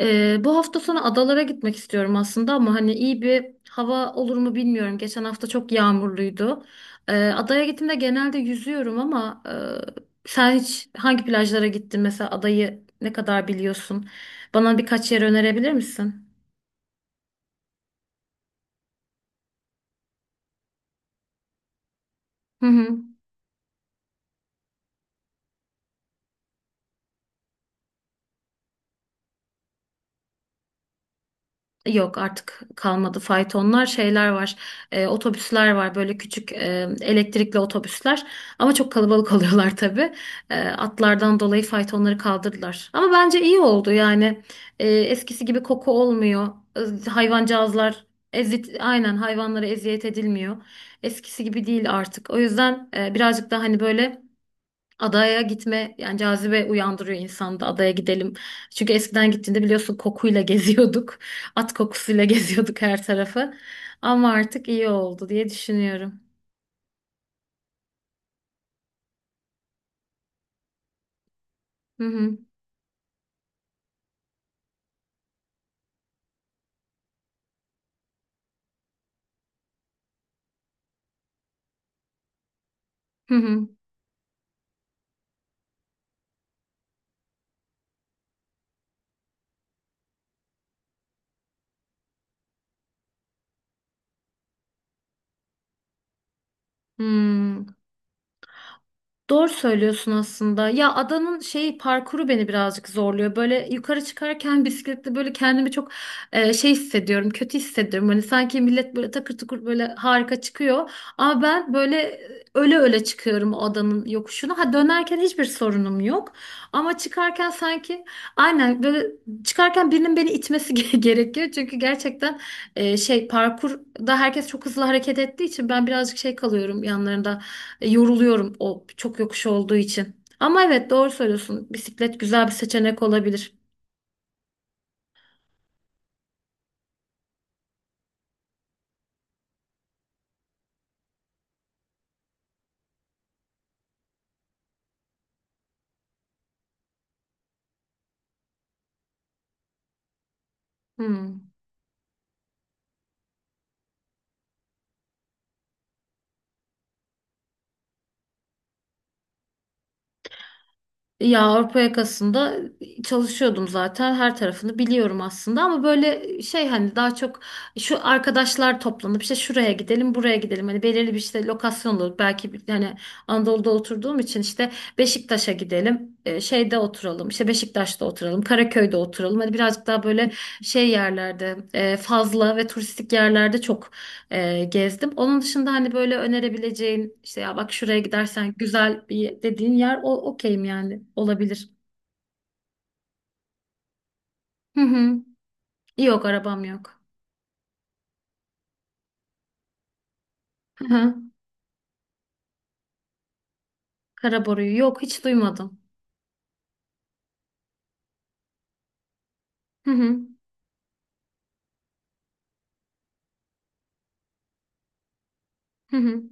Bu hafta sonu adalara gitmek istiyorum aslında ama hani iyi bir hava olur mu bilmiyorum. Geçen hafta çok yağmurluydu. Adaya gittiğimde genelde yüzüyorum ama sen hiç hangi plajlara gittin mesela adayı ne kadar biliyorsun? Bana birkaç yer önerebilir misin? Hı hı. Yok artık kalmadı faytonlar şeyler var, otobüsler var böyle küçük elektrikli otobüsler ama çok kalabalık oluyorlar tabii. Atlardan dolayı faytonları kaldırdılar ama bence iyi oldu yani. Eskisi gibi koku olmuyor. Hayvancağızlar, ezit aynen, hayvanlara eziyet edilmiyor, eskisi gibi değil artık. O yüzden birazcık daha hani böyle adaya gitme yani cazibe uyandırıyor insanda, adaya gidelim. Çünkü eskiden gittiğinde biliyorsun kokuyla geziyorduk. At kokusuyla geziyorduk her tarafı. Ama artık iyi oldu diye düşünüyorum. Hı hı. Hı hı. Hmm. Doğru söylüyorsun aslında. Ya adanın şeyi, parkuru beni birazcık zorluyor. Böyle yukarı çıkarken bisikletle böyle kendimi çok şey hissediyorum, kötü hissediyorum. Hani sanki millet böyle takır tukur böyle harika çıkıyor. Ama ben böyle öle öle çıkıyorum o adanın yokuşuna. Ha dönerken hiçbir sorunum yok. Ama çıkarken sanki, aynen, böyle çıkarken birinin beni itmesi gerekiyor. Çünkü gerçekten şey, parkurda herkes çok hızlı hareket ettiği için ben birazcık şey kalıyorum yanlarında. Yoruluyorum o çok yokuş olduğu için. Ama evet doğru söylüyorsun. Bisiklet güzel bir seçenek olabilir. Hmm. Ya Avrupa yakasında çalışıyordum zaten. Her tarafını biliyorum aslında ama böyle şey, hani daha çok şu arkadaşlar toplanıp işte şuraya gidelim, buraya gidelim. Hani belirli bir işte lokasyon olur. Belki hani Anadolu'da oturduğum için işte Beşiktaş'a gidelim. Şeyde oturalım, işte Beşiktaş'ta oturalım, Karaköy'de oturalım. Hani birazcık daha böyle şey yerlerde fazla ve turistik yerlerde çok gezdim. Onun dışında hani böyle önerebileceğin işte ya bak şuraya gidersen güzel bir dediğin yer, o okeyim yani, olabilir. Hı hı. Yok, arabam yok. Hı hı. Karaboru'yu, yok, hiç duymadım. Hı hı. Hı hı.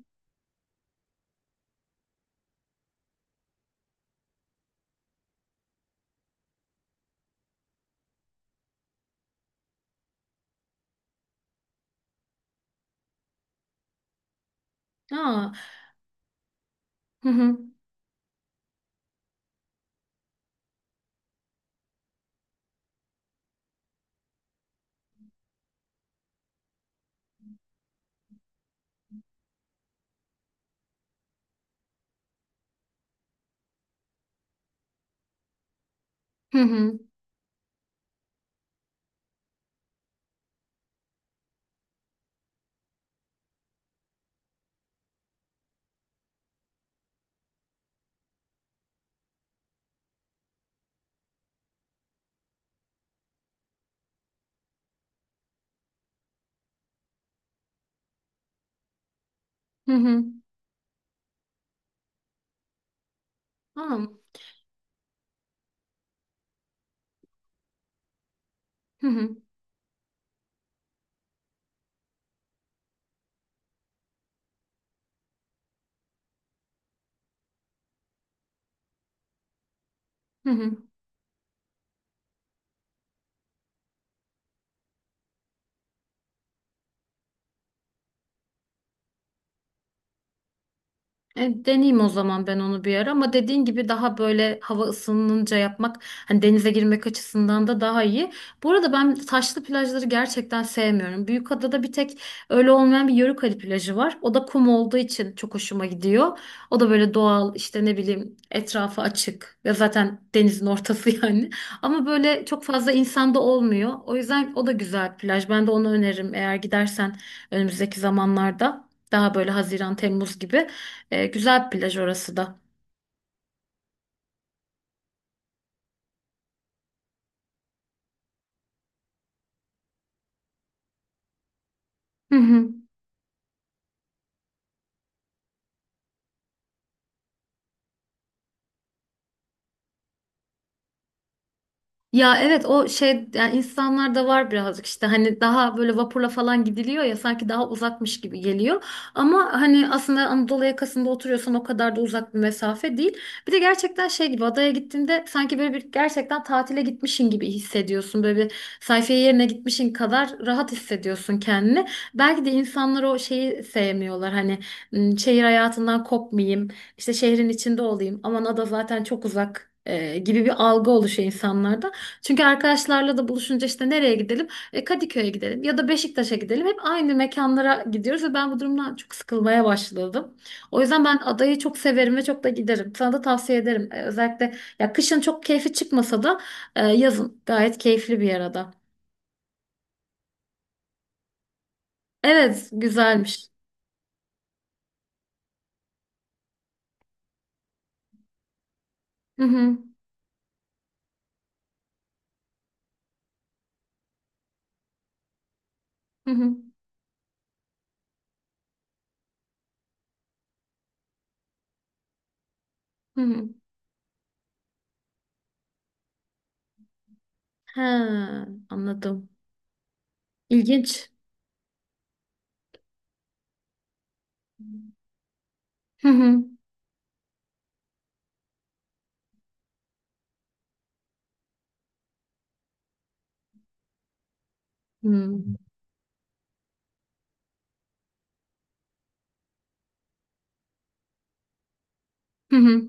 Aa. Hı hı. Hı hı. Hı hı. Aa. Hı hı. Hı hı. Deneyeyim o zaman ben onu bir ara ama dediğin gibi daha böyle hava ısınınca yapmak, hani denize girmek açısından da daha iyi. Bu arada ben taşlı plajları gerçekten sevmiyorum. Büyükada'da bir tek öyle olmayan bir Yörükali plajı var. O da kum olduğu için çok hoşuma gidiyor. O da böyle doğal, işte ne bileyim, etrafı açık ve zaten denizin ortası yani. Ama böyle çok fazla insan da olmuyor. O yüzden o da güzel bir plaj. Ben de onu öneririm eğer gidersen önümüzdeki zamanlarda. Daha böyle Haziran, Temmuz gibi. Güzel bir plaj orası da. Hı hı. Ya evet, o şey yani, insanlarda var birazcık işte, hani daha böyle vapurla falan gidiliyor ya, sanki daha uzakmış gibi geliyor. Ama hani aslında Anadolu yakasında oturuyorsan o kadar da uzak bir mesafe değil. Bir de gerçekten şey gibi, adaya gittiğinde sanki böyle bir gerçekten tatile gitmişin gibi hissediyorsun. Böyle bir sayfiye yerine gitmişin kadar rahat hissediyorsun kendini. Belki de insanlar o şeyi sevmiyorlar, hani "M, şehir hayatından kopmayayım, işte şehrin içinde olayım, aman ada zaten çok uzak," gibi bir algı oluşuyor insanlarda. Çünkü arkadaşlarla da buluşunca işte nereye gidelim? E, Kadıköy'e gidelim ya da Beşiktaş'a gidelim. Hep aynı mekanlara gidiyoruz ve ben bu durumdan çok sıkılmaya başladım. O yüzden ben adayı çok severim ve çok da giderim. Sana da tavsiye ederim. Özellikle ya kışın çok keyfi çıkmasa da yazın gayet keyifli bir yer ada. Evet, güzelmiş. Hı hı. Hı hı. Hı hı. He, anladım. İlginç. Hı hı. Hı hı. Hı hı.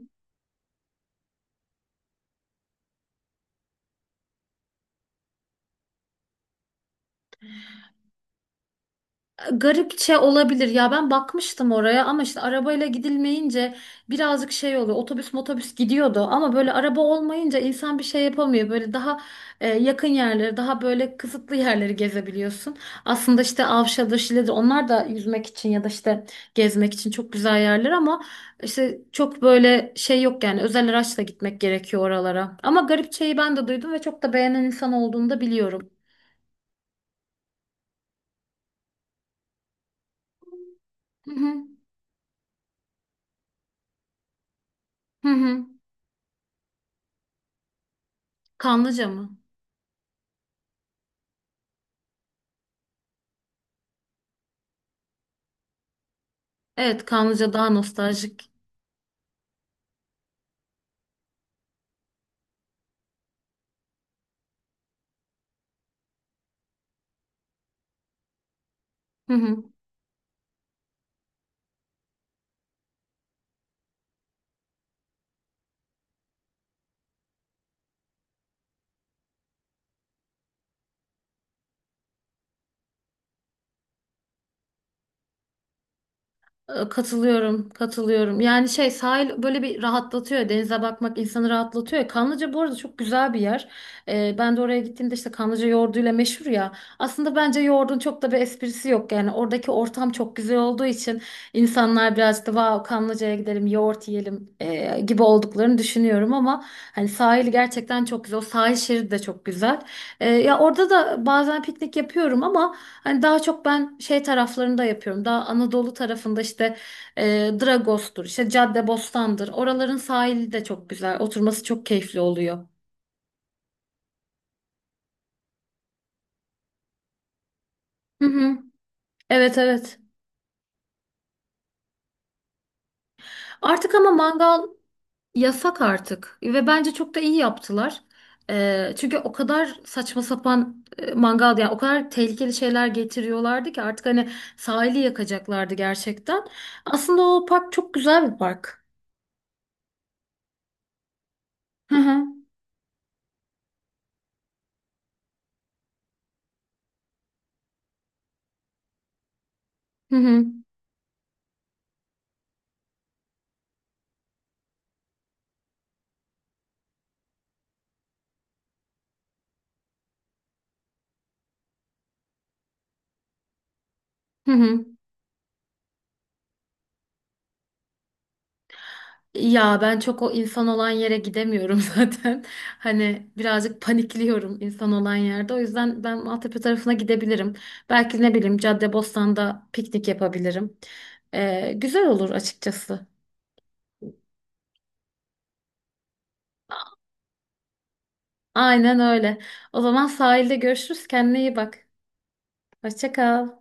Garipçe olabilir ya, ben bakmıştım oraya ama işte arabayla gidilmeyince birazcık şey oluyor, otobüs motobüs gidiyordu ama böyle araba olmayınca insan bir şey yapamıyor, böyle daha yakın yerleri, daha böyle kısıtlı yerleri gezebiliyorsun aslında. İşte Avşa'dır, Şile'dir, onlar da yüzmek için ya da işte gezmek için çok güzel yerler ama işte çok böyle şey yok yani, özel araçla gitmek gerekiyor oralara. Ama Garipçe'yi ben de duydum ve çok da beğenen insan olduğunu da biliyorum. Hı hı. Hı hı. Kanlıca mı? Evet, Kanlıca daha nostaljik. Hı hı. Katılıyorum, katılıyorum. Yani şey, sahil böyle bir rahatlatıyor. Denize bakmak insanı rahatlatıyor. Kanlıca bu arada çok güzel bir yer. Ben de oraya gittiğimde işte Kanlıca yoğurduyla meşhur ya. Aslında bence yoğurdun çok da bir esprisi yok. Yani oradaki ortam çok güzel olduğu için insanlar birazcık da "vav Kanlıca'ya gidelim yoğurt yiyelim," gibi olduklarını düşünüyorum ama hani sahil gerçekten çok güzel. O sahil şeridi de çok güzel. Ya orada da bazen piknik yapıyorum ama hani daha çok ben şey taraflarında yapıyorum. Daha Anadolu tarafında işte Dragos'tur, işte Caddebostan'dır. Oraların sahili de çok güzel. Oturması çok keyifli oluyor. Hı hı. Evet, evet. Artık ama mangal yasak artık ve bence çok da iyi yaptılar. Çünkü o kadar saçma sapan mangal, yani o kadar tehlikeli şeyler getiriyorlardı ki artık hani sahili yakacaklardı gerçekten. Aslında o park çok güzel bir park. Hı hı. Hı hı. Hı hı. Ya ben çok o insan olan yere gidemiyorum zaten. Hani birazcık panikliyorum insan olan yerde. O yüzden ben Maltepe tarafına gidebilirim. Belki ne bileyim Caddebostan'da piknik yapabilirim. Güzel olur açıkçası. Aynen öyle. O zaman sahilde görüşürüz. Kendine iyi bak. Hoşça kal.